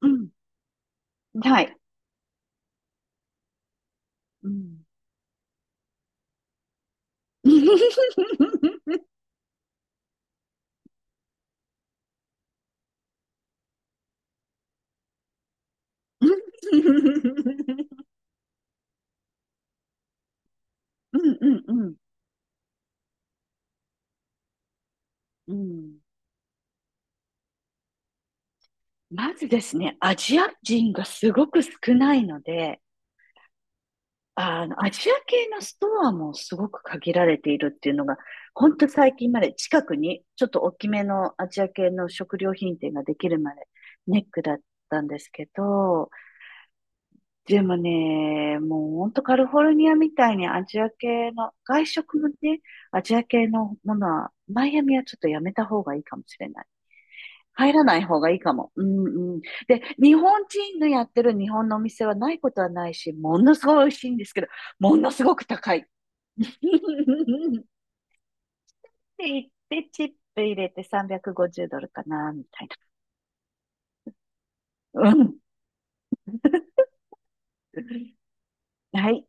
うん、はい。うん。うんうんうん。うん。まずですね、アジア人がすごく少ないので、アジア系のストアもすごく限られているっていうのが、ほんと最近まで近くにちょっと大きめのアジア系の食料品店ができるまでネックだったんですけど、でもね、もうほんとカリフォルニアみたいにアジア系の、外食もね、アジア系のものは、マイアミはちょっとやめた方がいいかもしれない。入らない方がいいかも。うんうん。で、日本人のやってる日本のお店はないことはないし、ものすごい美味しいんですけど、ものすごく高い。って言って、チップ入れて350ドルかな、みたいな。うん。はい。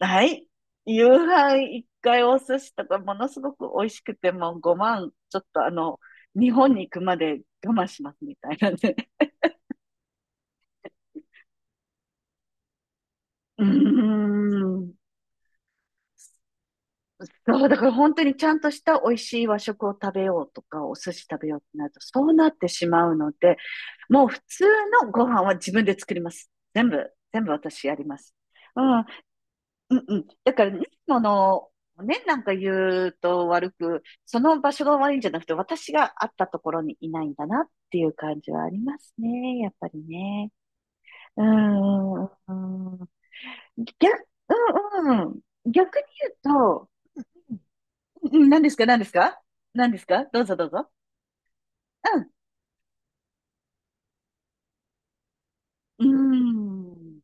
はい。夕飯一回お寿司とかものすごく美味しくて、もう5万、ちょっと、日本に行くまで我慢しますみたいなね。うーん。そう、だから本当にちゃんとした美味しい和食を食べようとか、お寿司食べようってなると、そうなってしまうので、もう普通のご飯は自分で作ります。全部私やります。うん。うんうん。だから、ね、もの、ね、なんか言うと悪く、その場所が悪いんじゃなくて、私があったところにいないんだなっていう感じはありますね。やっぱりね。うーん。うーん逆、うんうん。逆に言うと、うんうん、何ですか、何ですかどうぞどうぞ。うん。うーん。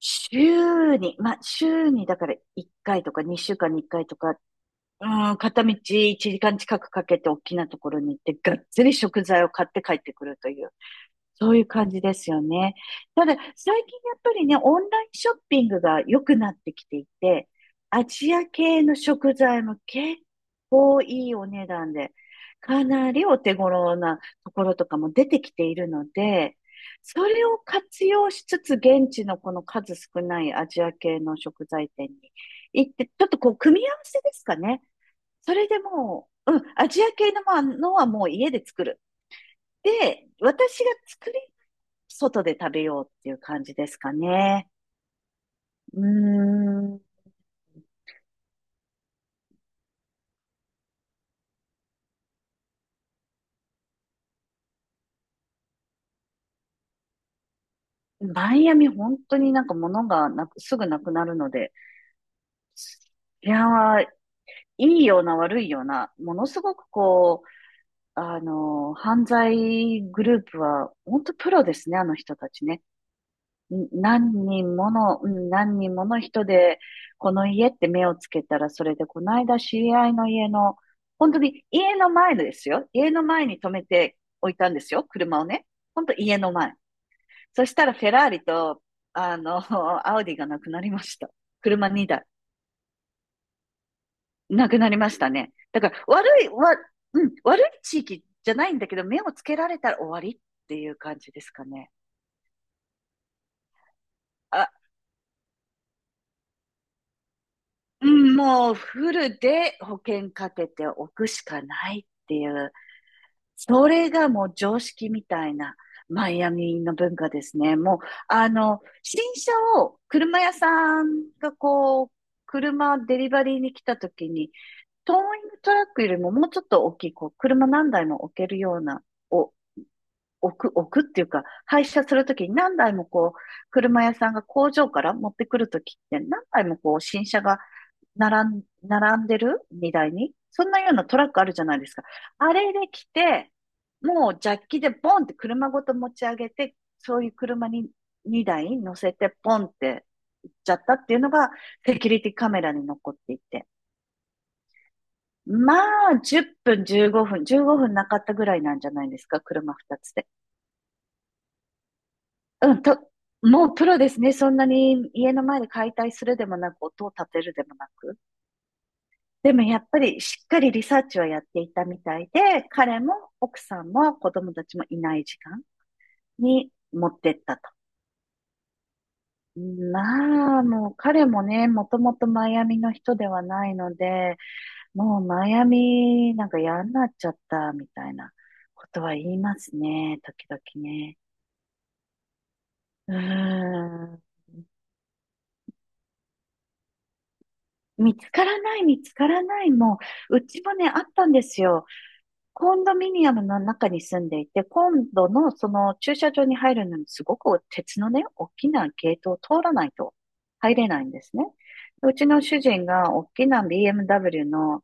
週に、まあ、週にだから1回とか2週間に1回とかうん、片道1時間近くかけて大きなところに行って、がっつり食材を買って帰ってくるという、そういう感じですよね。ただ、最近やっぱりね、オンラインショッピングが良くなってきていて、アジア系の食材も結構いいお値段で、かなりお手頃なところとかも出てきているので、それを活用しつつ、現地のこの数少ないアジア系の食材店に行って、ちょっとこう、組み合わせですかね。それでもう、うん、アジア系のものはもう家で作る。で、私が作り、外で食べようっていう感じですかね。うーん。マイアミ本当になんか物がなく、すぐなくなるので、いやー、いいような悪いような、ものすごく、犯罪グループは本当プロですね、あの人たちね。何人もの人で、この家って目をつけたら、それで、この間知り合いの家の、本当に家の前ですよ。家の前に止めておいたんですよ。車をね。本当家の前。そしたらフェラーリと、あの、アウディがなくなりました。車2台。なくなりましたね。だから、悪い、わ、うん、悪い地域じゃないんだけど、目をつけられたら終わりっていう感じですかね。あ、うん、もうフルで保険かけておくしかないっていう、それがもう常識みたいなマイアミの文化ですね。もう、あの、新車を車屋さんがこう、車デリバリーに来た時に、トーイングトラックよりももうちょっと大きい、こう、車何台も置けるような、置くっていうか、廃車するときに何台もこう、車屋さんが工場から持ってくるときって何台もこう、新車が並んでる荷台に。そんなようなトラックあるじゃないですか。あれで来て、もうジャッキでボンって車ごと持ち上げて、そういう車に2台乗せてポンって行っちゃったっていうのがセキュリティカメラに残っていて。まあ、10分、15分なかったぐらいなんじゃないですか、車2つで。うん、と、もうプロですね。そんなに家の前で解体するでもなく、音を立てるでもなく。でもやっぱりしっかりリサーチをやっていたみたいで、彼も奥さんも子供たちもいない時間に持ってったと。まあ、もう彼もね、もともとマイアミの人ではないので、もうマイアミなんか嫌になっちゃったみたいなことは言いますね、時々ね。うーん。見つからない。もう、うちもね、あったんですよ。コンドミニアムの中に住んでいて、今度のその駐車場に入るのにすごく鉄のね、大きなゲートを通らないと入れないんですね。うちの主人が大きな BMW の、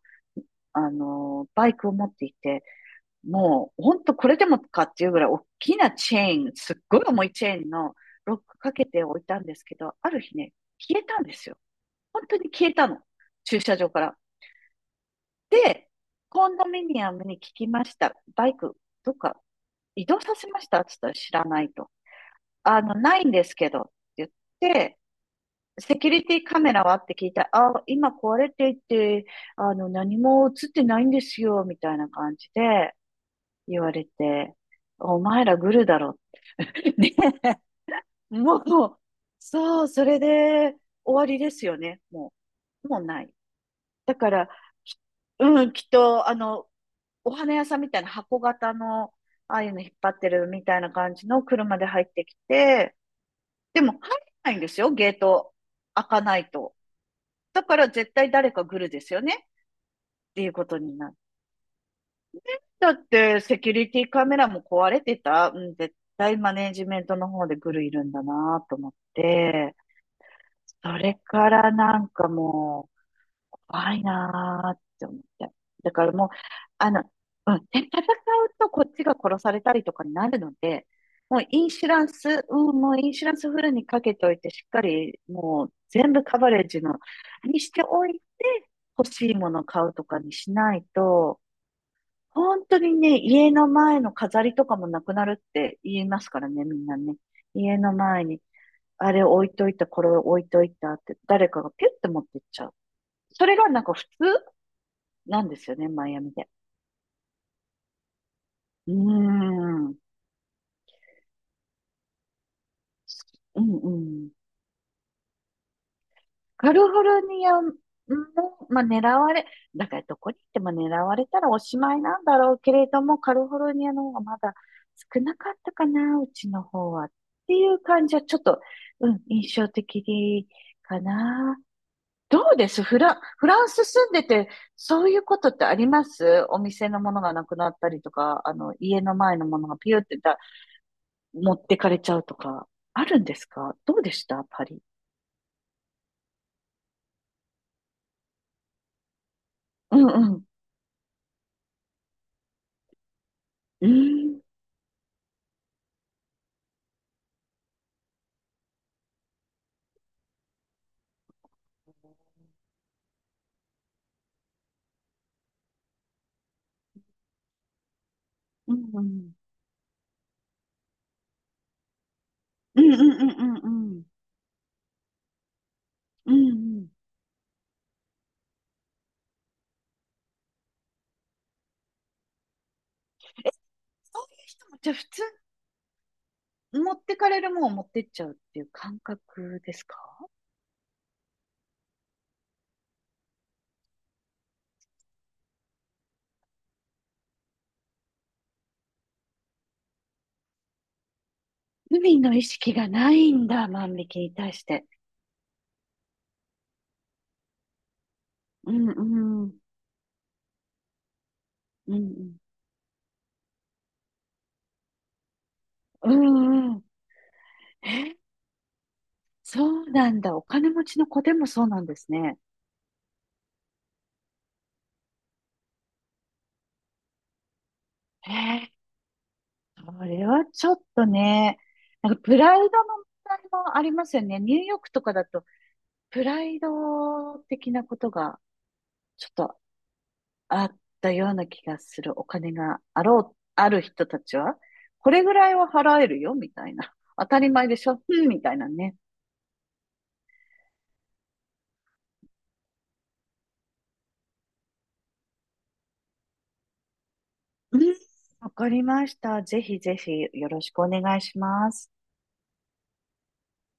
バイクを持っていて、もう、ほんとこれでもかっていうぐらい大きなチェーン、すっごい重いチェーンのロックかけておいたんですけど、ある日ね、消えたんですよ。本当に消えたの。駐車場から。で、コンドミニアムに聞きました。バイク、どっか移動させましたって言ったら知らないと。ないんですけどって言って、セキュリティカメラはって聞いたら、あ、今壊れていて、何も映ってないんですよ、みたいな感じで言われて、お前らグルだろ。ね。もう、そう、それで終わりですよね。もう、もうない。だから、きうん、きっと、お花屋さんみたいな箱型の、ああいうの引っ張ってるみたいな感じの車で入ってきて、でも入れないんですよ、ゲート開かないと。だから絶対誰か来るですよね、っていうことになる。だって、セキュリティカメラも壊れてた。うん、絶対マネージメントの方でグルいるんだなと思って、それからなんかもう、怖いなーって思って。だからもう、あの、うん、で、戦うとこっちが殺されたりとかになるので、もうインシュランスフルにかけておいて、しっかりもう全部カバレッジの、にしておいて、欲しいもの買うとかにしないと、本当にね、家の前の飾りとかもなくなるって言いますからね、みんなね。家の前に、あれ置いといた、これ置いといたって、誰かがピュッて持ってっちゃう。それがなんか普通なんですよね、マイアミで。うーん。うんうん。カリフォルニアも、まあ、狙われ、だからどこに行っても狙われたらおしまいなんだろうけれども、カリフォルニアの方がまだ少なかったかな、うちの方は。っていう感じはちょっと、うん、印象的かな。どうですフランス住んでて、そういうことってありますお店のものがなくなったりとか、家の前のものがピューって持ってかれちゃうとか、あるんですかどうでしたパリ。うんうん。うん。うんうん。うんうんうんうんうん。うんうん。そういう人も、じゃあ普通、持ってかれるもんを持ってっちゃうっていう感覚ですか海の意識がないんだ、万引きに対して。うんうん。うんうん。うんうん。え、そうなんだ。お金持ちの子でもそうなんですね。へそれはちょっとね、なんかプライドの問題もありますよね。ニューヨークとかだと、プライド的なことがちょっとあったような気がする。お金があろう、ある人たちは、これぐらいは払えるよ、みたいな。当たり前でしょ、うん、みたいなね。うん、わかりました。ぜひぜひよろしくお願いします。